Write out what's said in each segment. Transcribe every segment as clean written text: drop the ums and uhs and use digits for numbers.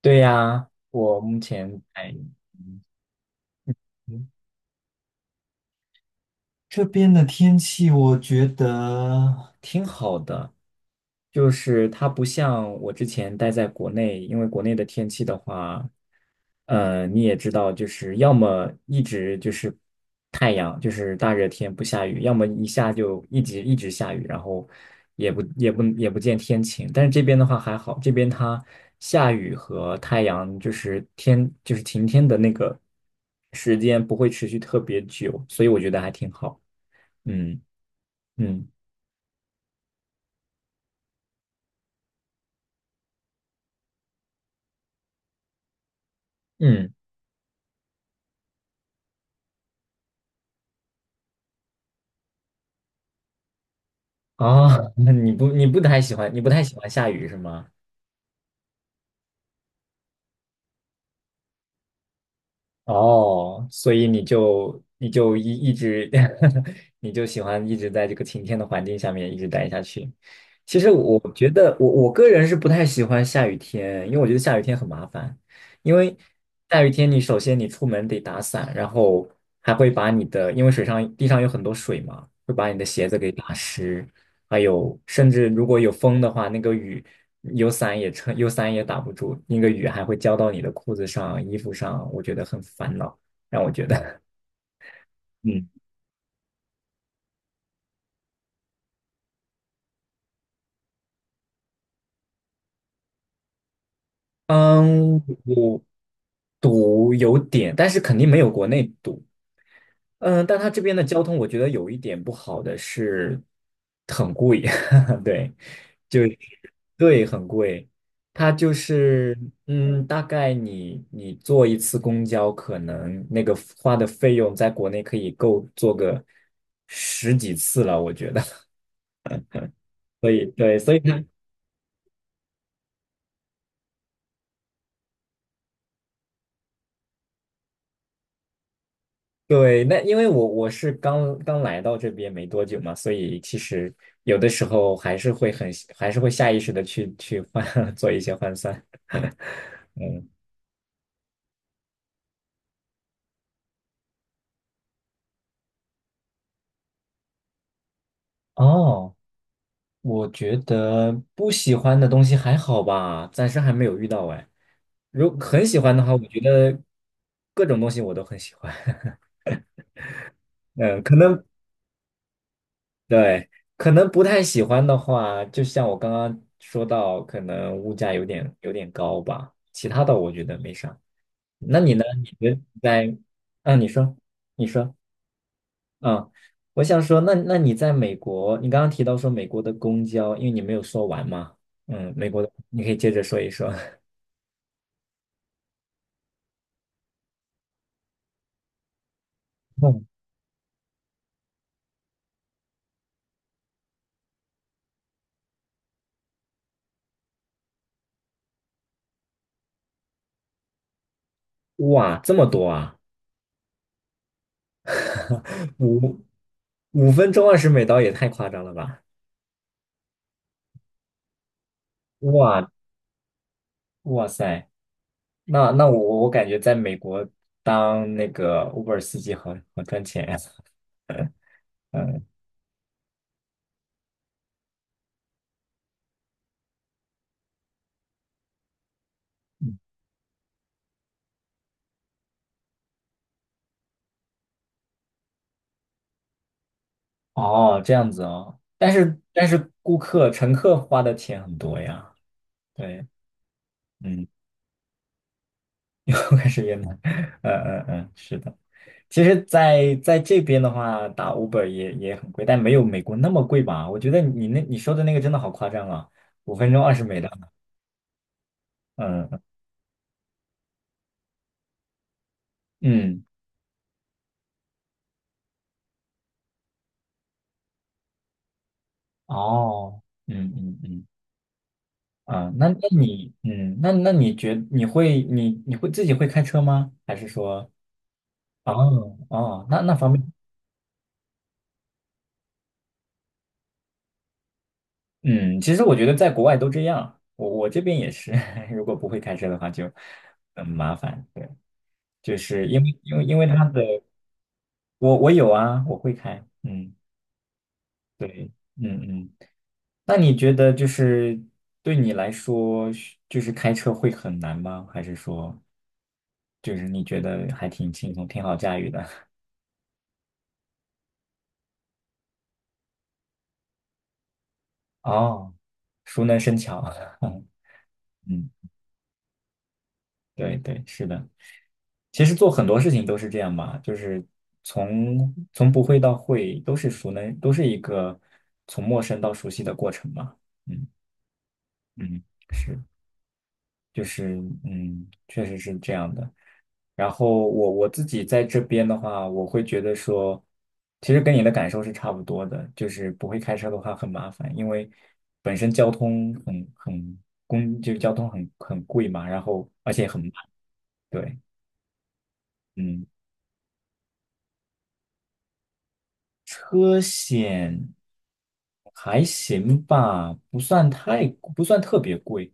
对呀，我目前在，嗯，这边的天气我觉得挺好的，就是它不像我之前待在国内，因为国内的天气的话，你也知道，就是要么一直就是太阳，就是大热天不下雨，要么一下就一直一直下雨，然后也不见天晴。但是这边的话还好，这边它下雨和太阳就是天就是晴天的那个时间不会持续特别久，所以我觉得还挺好。嗯嗯嗯，啊，那你不太喜欢下雨是吗？哦，所以你就一直 你就喜欢一直在这个晴天的环境下面一直待下去。其实我觉得我个人是不太喜欢下雨天，因为我觉得下雨天很麻烦。因为下雨天你首先你出门得打伞，然后还会把你的因为水上地上有很多水嘛，会把你的鞋子给打湿。还有甚至如果有风的话，那个雨有伞也打不住，那个雨还会浇到你的裤子上、衣服上，我觉得很烦恼，让我觉得，嗯嗯，我堵有点，但是肯定没有国内堵，嗯，但它这边的交通我觉得有一点不好的是很贵，对。就对，很贵。它就是，大概你坐一次公交，可能那个花的费用在国内可以够坐个10几次了，我觉得。所以对，所以呢对，那因为我是刚刚来到这边没多久嘛，所以其实有的时候还是会下意识的去换 做一些换算。嗯，哦。我觉得不喜欢的东西还好吧，暂时还没有遇到哎。很喜欢的话，我觉得各种东西我都很喜欢。嗯，对，可能不太喜欢的话，就像我刚刚说到，可能物价有点高吧。其他的我觉得没啥。那你呢？你觉得在啊？你说，你说，嗯，我想说，那你在美国，你刚刚提到说美国的公交，因为你没有说完嘛，美国的，你可以接着说一说。哇，这么多啊！五五分钟二十美刀也太夸张了吧！哇哇塞，那我感觉在美国当那个 Uber 司机好好赚钱呀。嗯，哦，这样子哦。但是顾客乘客花的钱很多呀。对，嗯，我开始越南。嗯嗯嗯，是的。其实在这边的话，打 Uber 也很贵，但没有美国那么贵吧？我觉得你说的那个真的好夸张啊！五分钟二十美刀，嗯嗯，哦，嗯嗯嗯，啊，那你，那那你觉你会你你会自己会开车吗？还是说，哦哦，那方面，嗯，其实我觉得在国外都这样，我这边也是，如果不会开车的话就很麻烦，对，就是因为他的，我有啊，我会开，嗯，对，嗯嗯，那你觉得就是对你来说，就是开车会很难吗？还是说？就是你觉得还挺轻松，挺好驾驭的。哦 熟能生巧。嗯，对对，是的。其实做很多事情都是这样吧，就是从不会到会，都是一个从陌生到熟悉的过程嘛。嗯嗯，是，就是确实是这样的。然后我自己在这边的话，我会觉得说，其实跟你的感受是差不多的，就是不会开车的话很麻烦，因为本身交通很很公，就是交通很贵嘛，然后而且很慢，对，嗯。车险还行吧，不算特别贵。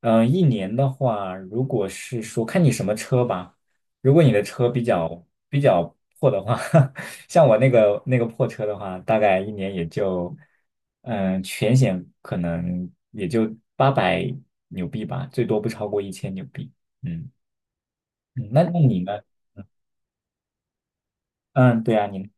嗯、一年的话，如果是说看你什么车吧，如果你的车比较破的话，像我那个破车的话，大概一年也就，全险可能也就800纽币吧，最多不超过1000纽币。嗯嗯那你呢？嗯，对啊，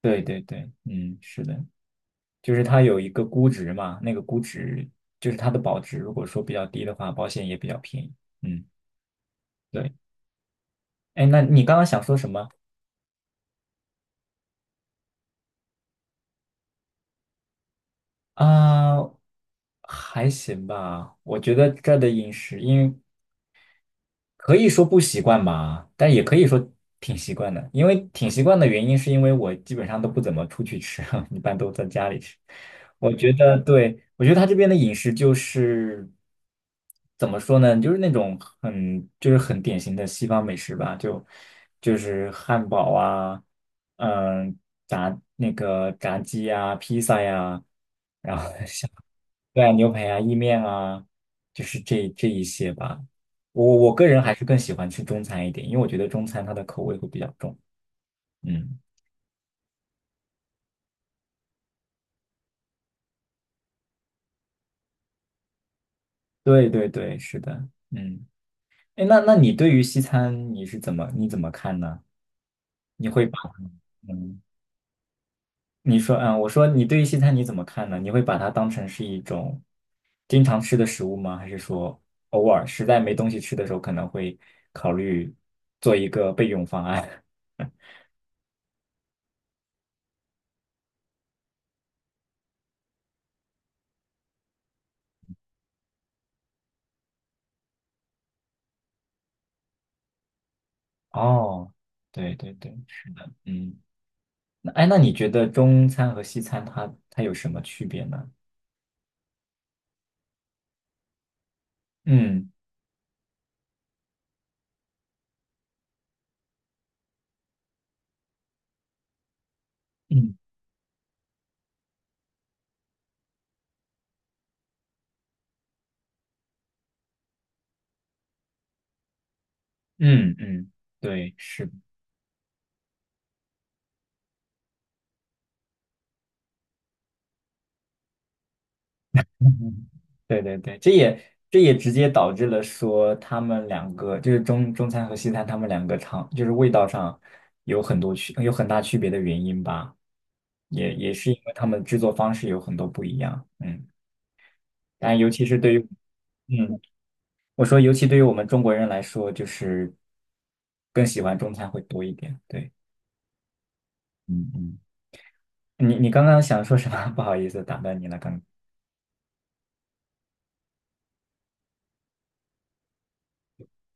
对对对，嗯，是的。就是它有一个估值嘛，那个估值就是它的保值，如果说比较低的话，保险也比较便宜。嗯，对。哎，那你刚刚想说什么啊？还行吧，我觉得这儿的饮食，因为可以说不习惯吧，但也可以说挺习惯的。因为挺习惯的原因，是因为我基本上都不怎么出去吃，一般都在家里吃。我觉得，对，我觉得他这边的饮食就是怎么说呢，就是那种很就是很典型的西方美食吧，就是汉堡啊，嗯，炸那个炸鸡呀、披萨呀、然后 像。对啊，牛排啊，意面啊，就是这一些吧。我个人还是更喜欢吃中餐一点，因为我觉得中餐它的口味会比较重。嗯，对对对，是的。嗯，哎，那你对于西餐你怎么看呢？你会把嗯，你说啊，我说你对于西餐你怎么看呢？你会把它当成是一种经常吃的食物吗？还是说偶尔实在没东西吃的时候，可能会考虑做一个备用方案？哦，对对对。嗯。那哎，那你觉得中餐和西餐它有什么区别呢？嗯嗯嗯嗯，对，是的 对对对，这也直接导致了说他们两个就是中餐和西餐，他们两个就是味道上有很大区别的原因吧，也是因为他们制作方式有很多不一样，嗯，但尤其是对于嗯，我说尤其对于我们中国人来说，就是更喜欢中餐会多一点，对，嗯嗯。你刚刚想说什么？不好意思，打断你了。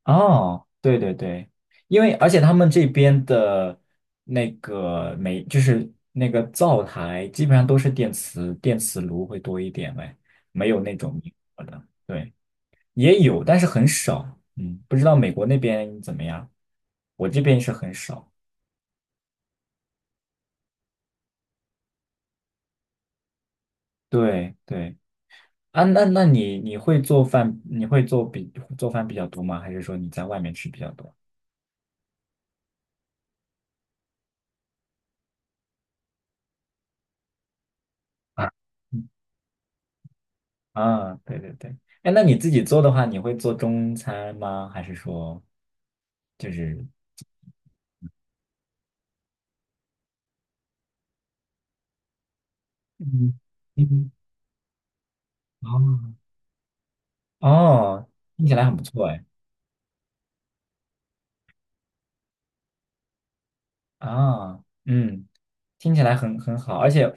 哦，对对对，因为而且他们这边的那个煤，就是那个灶台，基本上都是电磁炉会多一点呗，没有那种明火的。对，也有，但是很少。嗯，不知道美国那边怎么样，我这边是很少。对对啊，那你会做饭？你会做比做饭比较多吗？还是说你在外面吃比较多？啊？啊，对对对，哎，那你自己做的话，你会做中餐吗？还是说就是嗯嗯，哦，哦，听起来很不错哎啊，嗯，听起来很好，而且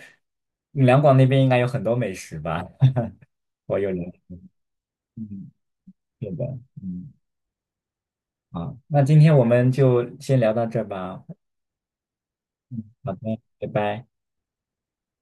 两广那边应该有很多美食吧？我有了，嗯，对的，嗯，好，那今天我们就先聊到这儿吧，嗯，好的，拜拜。